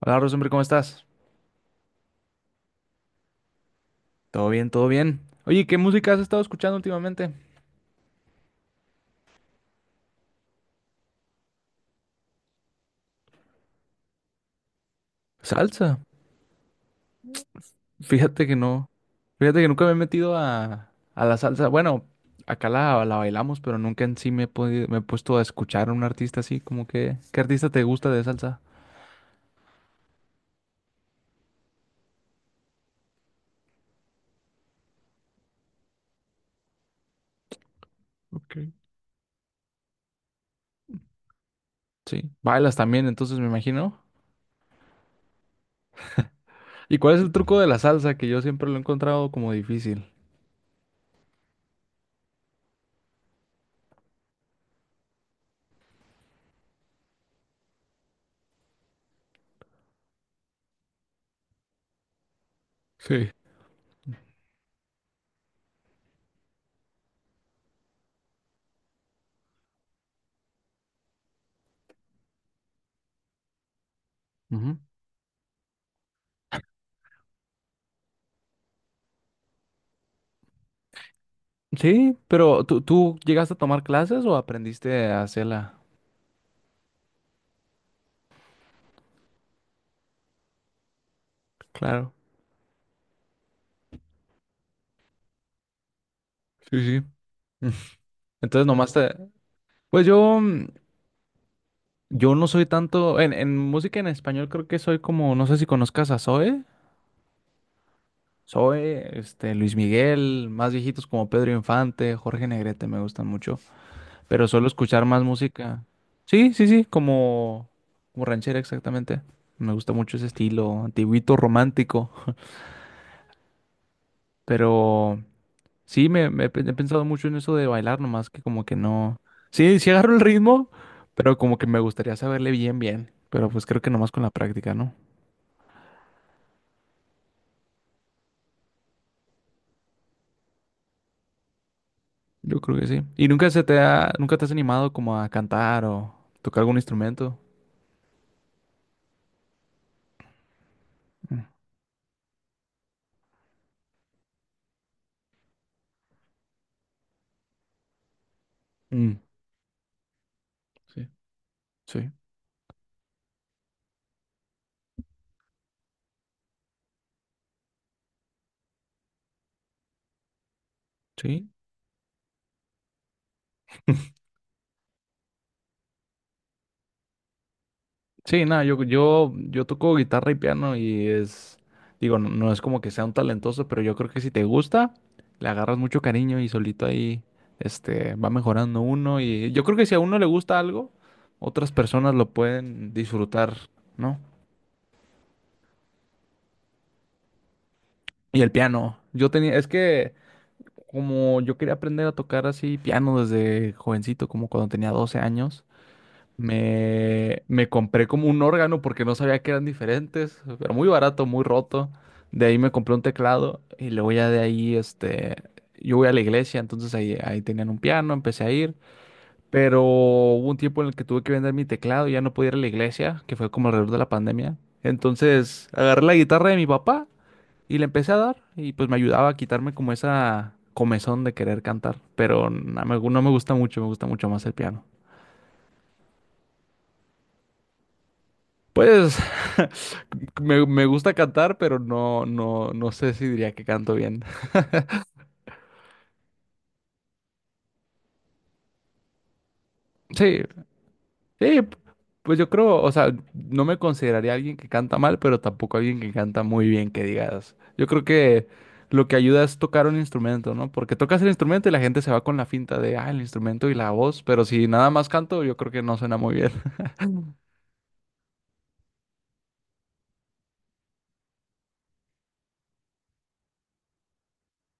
Hola, Rosembri, ¿cómo estás? Todo bien, todo bien. Oye, ¿qué música has estado escuchando últimamente? Salsa. Fíjate que no. Fíjate que nunca me he metido a la salsa. Bueno, acá la bailamos, pero nunca en sí me he puesto a escuchar a un artista así, como que, ¿qué artista te gusta de salsa? Okay. Sí. Bailas también, entonces me imagino. ¿Y cuál es el truco de la salsa? Que yo siempre lo he encontrado como difícil. Sí. Ujú. Sí, pero ¿tú llegaste a tomar clases o aprendiste a hacerla? Claro. Sí, sí. Entonces nomás te... Pues yo, yo no soy tanto... En música en español creo que soy como... No sé si conozcas a Zoe. Zoe, este, Luis Miguel, más viejitos como Pedro Infante, Jorge Negrete me gustan mucho. Pero suelo escuchar más música. Sí, sí, sí, como, como ranchera exactamente. Me gusta mucho ese estilo, antiguito, romántico. Pero... Sí, he pensado mucho en eso de bailar, nomás que como que no. Sí, sí agarro el ritmo, pero como que me gustaría saberle bien, bien. Pero pues creo que nomás con la práctica, ¿no? Yo creo que sí. ¿Y nunca te has animado como a cantar o tocar algún instrumento? Mm. Mm. Sí, sí, sí. Sí, nada, yo toco guitarra y piano y es, digo, no es como que sea un talentoso, pero yo creo que si te gusta, le agarras mucho cariño y solito ahí, este, va mejorando uno y yo creo que si a uno le gusta algo, otras personas lo pueden disfrutar, ¿no? Y el piano, yo tenía, es que como yo quería aprender a tocar así piano desde jovencito, como cuando tenía 12 años. Me compré como un órgano porque no sabía que eran diferentes, pero muy barato, muy roto. De ahí me compré un teclado y luego ya de ahí, este, yo voy a la iglesia, entonces ahí tenían un piano, empecé a ir, pero hubo un tiempo en el que tuve que vender mi teclado y ya no podía ir a la iglesia, que fue como alrededor de la pandemia. Entonces agarré la guitarra de mi papá y le empecé a dar y pues me ayudaba a quitarme como esa comezón de querer cantar, pero no me gusta mucho, me gusta mucho más el piano. Pues me gusta cantar, pero no sé si diría que canto bien. Sí, sí, pues yo creo, o sea, no me consideraría alguien que canta mal, pero tampoco alguien que canta muy bien, que digas. Yo creo que lo que ayuda es tocar un instrumento, ¿no? Porque tocas el instrumento y la gente se va con la finta de, ah, el instrumento y la voz, pero si nada más canto, yo creo que no suena muy bien.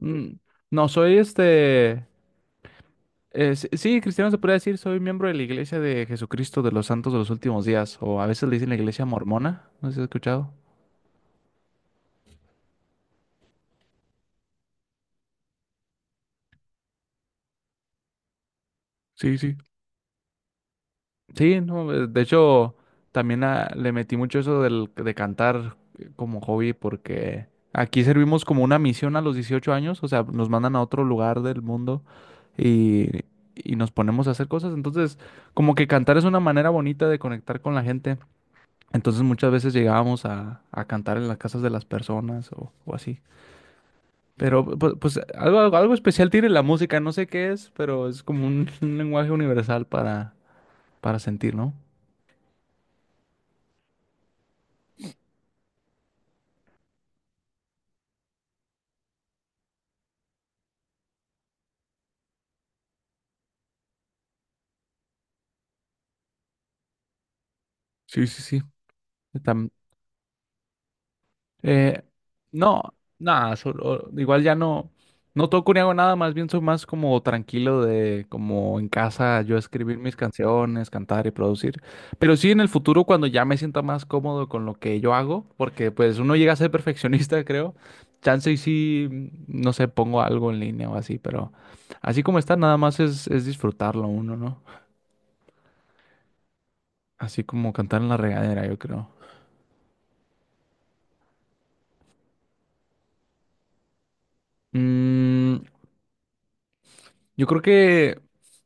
Mm. No, soy este. Sí, sí, cristiano se puede decir, soy miembro de la Iglesia de Jesucristo de los Santos de los Últimos Días, o a veces le dicen la Iglesia Mormona, no sé si has escuchado. Sí, sí. Sí, no, de hecho, también ah, le metí mucho eso del, de cantar como hobby, porque aquí servimos como una misión a los 18 años, o sea, nos mandan a otro lugar del mundo y, y nos ponemos a hacer cosas, entonces, como que cantar es una manera bonita de conectar con la gente, entonces muchas veces llegábamos a cantar en las casas de las personas o así. Pero pues, algo especial tiene la música, no sé qué es, pero es como un, un lenguaje universal para sentir, ¿no? Sí, sí, sí. Tam- Eh, no, nada, igual ya no, no toco ni hago nada, más bien soy más como tranquilo de como en casa yo escribir mis canciones, cantar y producir. Pero sí en el futuro cuando ya me sienta más cómodo con lo que yo hago, porque pues uno llega a ser perfeccionista, creo. Chance y sí, no sé, pongo algo en línea o así, pero así como está, nada más es disfrutarlo uno, ¿no? Así como cantar en la regadera, yo creo. Mm. Yo creo que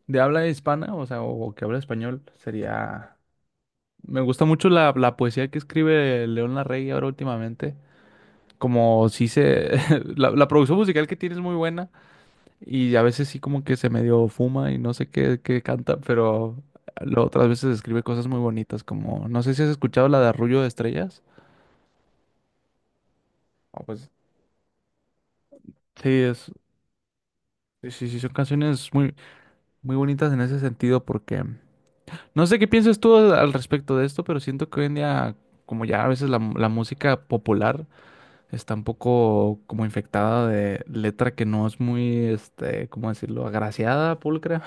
de habla hispana, o sea, o, que habla español, sería... Me gusta mucho la poesía que escribe León Larrey ahora últimamente. Como si se... La producción musical que tiene es muy buena y a veces sí como que se medio fuma y no sé qué, qué canta, pero otras veces escribe cosas muy bonitas como... No sé si has escuchado la de Arrullo de Estrellas. Ah, pues... Sí, es... Sí, sí, sí, son canciones muy, muy bonitas en ese sentido porque... No sé qué piensas tú al al respecto de esto, pero siento que hoy en día, como ya a veces la música popular está un poco como infectada de letra que no es muy, este, ¿cómo decirlo? Agraciada, pulcra.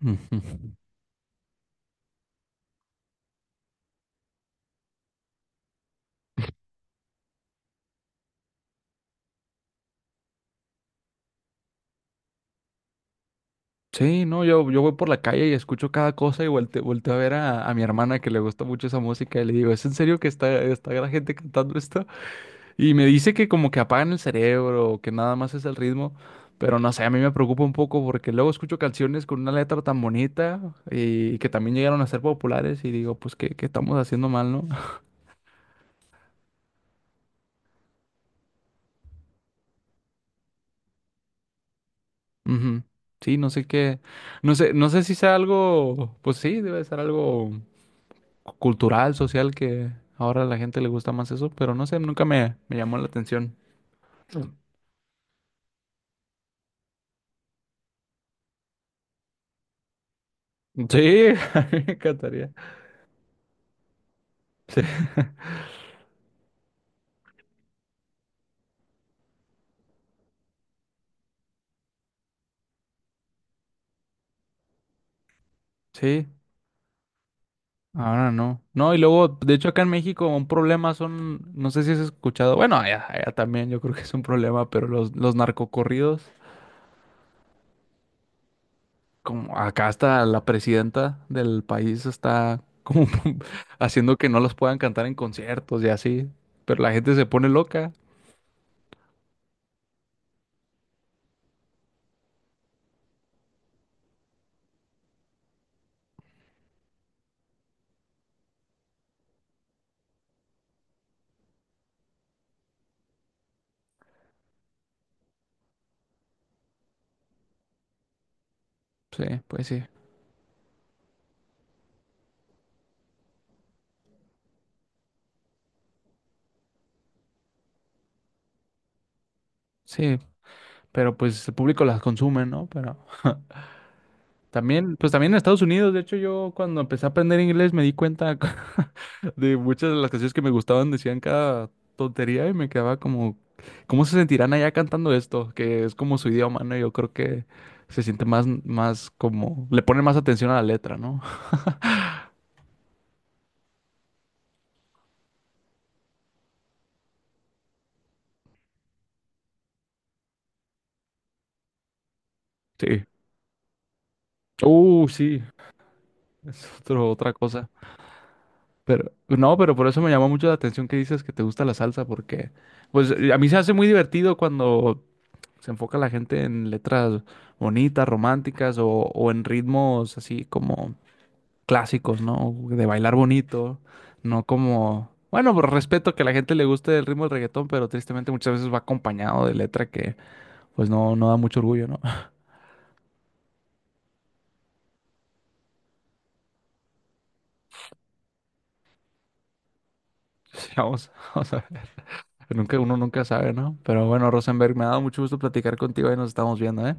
Ujú. Sí, no, yo voy por la calle y escucho cada cosa y volteo a ver a mi hermana que le gusta mucho esa música y le digo, ¿es en serio que está la gente cantando esto? Y me dice que como que apagan el cerebro, que nada más es el ritmo, pero no sé, a mí me preocupa un poco porque luego escucho canciones con una letra tan bonita y que también llegaron a ser populares y digo, pues qué estamos haciendo mal, ¿no? Ujú. Sí, no sé, no sé si sea algo, pues sí, debe ser algo cultural, social, que ahora a la gente le gusta más eso, pero no sé, nunca me, me llamó la atención. Mm. Sí, a mí me encantaría. Sí, sí. Ahora no. No, y luego, de hecho, acá en México un problema son, no sé si has escuchado, bueno, allá, allá también yo creo que es un problema, pero los narcocorridos, como acá hasta la presidenta del país está como haciendo que no los puedan cantar en conciertos y así, pero la gente se pone loca. Sí, pues sí, sí, pero pues el público las consume, ¿no? Pero también, pues también en Estados Unidos, de hecho, yo cuando empecé a aprender inglés me di cuenta de muchas de las canciones que me gustaban decían cada tontería y me quedaba como, ¿cómo se sentirán allá cantando esto? Que es como su idioma, ¿no? Yo creo que se siente más, más como, le ponen más atención a la letra, ¿no? Sí. Sí, es otro, otra cosa. Pero, no, pero por eso me llamó mucho la atención que dices que te gusta la salsa, porque, pues, a mí se hace muy divertido cuando se enfoca la gente en letras bonitas, románticas o en ritmos así como clásicos, ¿no? De bailar bonito, no como... Bueno, pues, respeto que a la gente le guste el ritmo del reggaetón, pero tristemente muchas veces va acompañado de letra que pues no, no da mucho orgullo, ¿no? Sí, vamos, vamos a ver. Nunca, uno nunca sabe, ¿no? Pero bueno, Rosenberg, me ha dado mucho gusto platicar contigo y nos estamos viendo, ¿eh?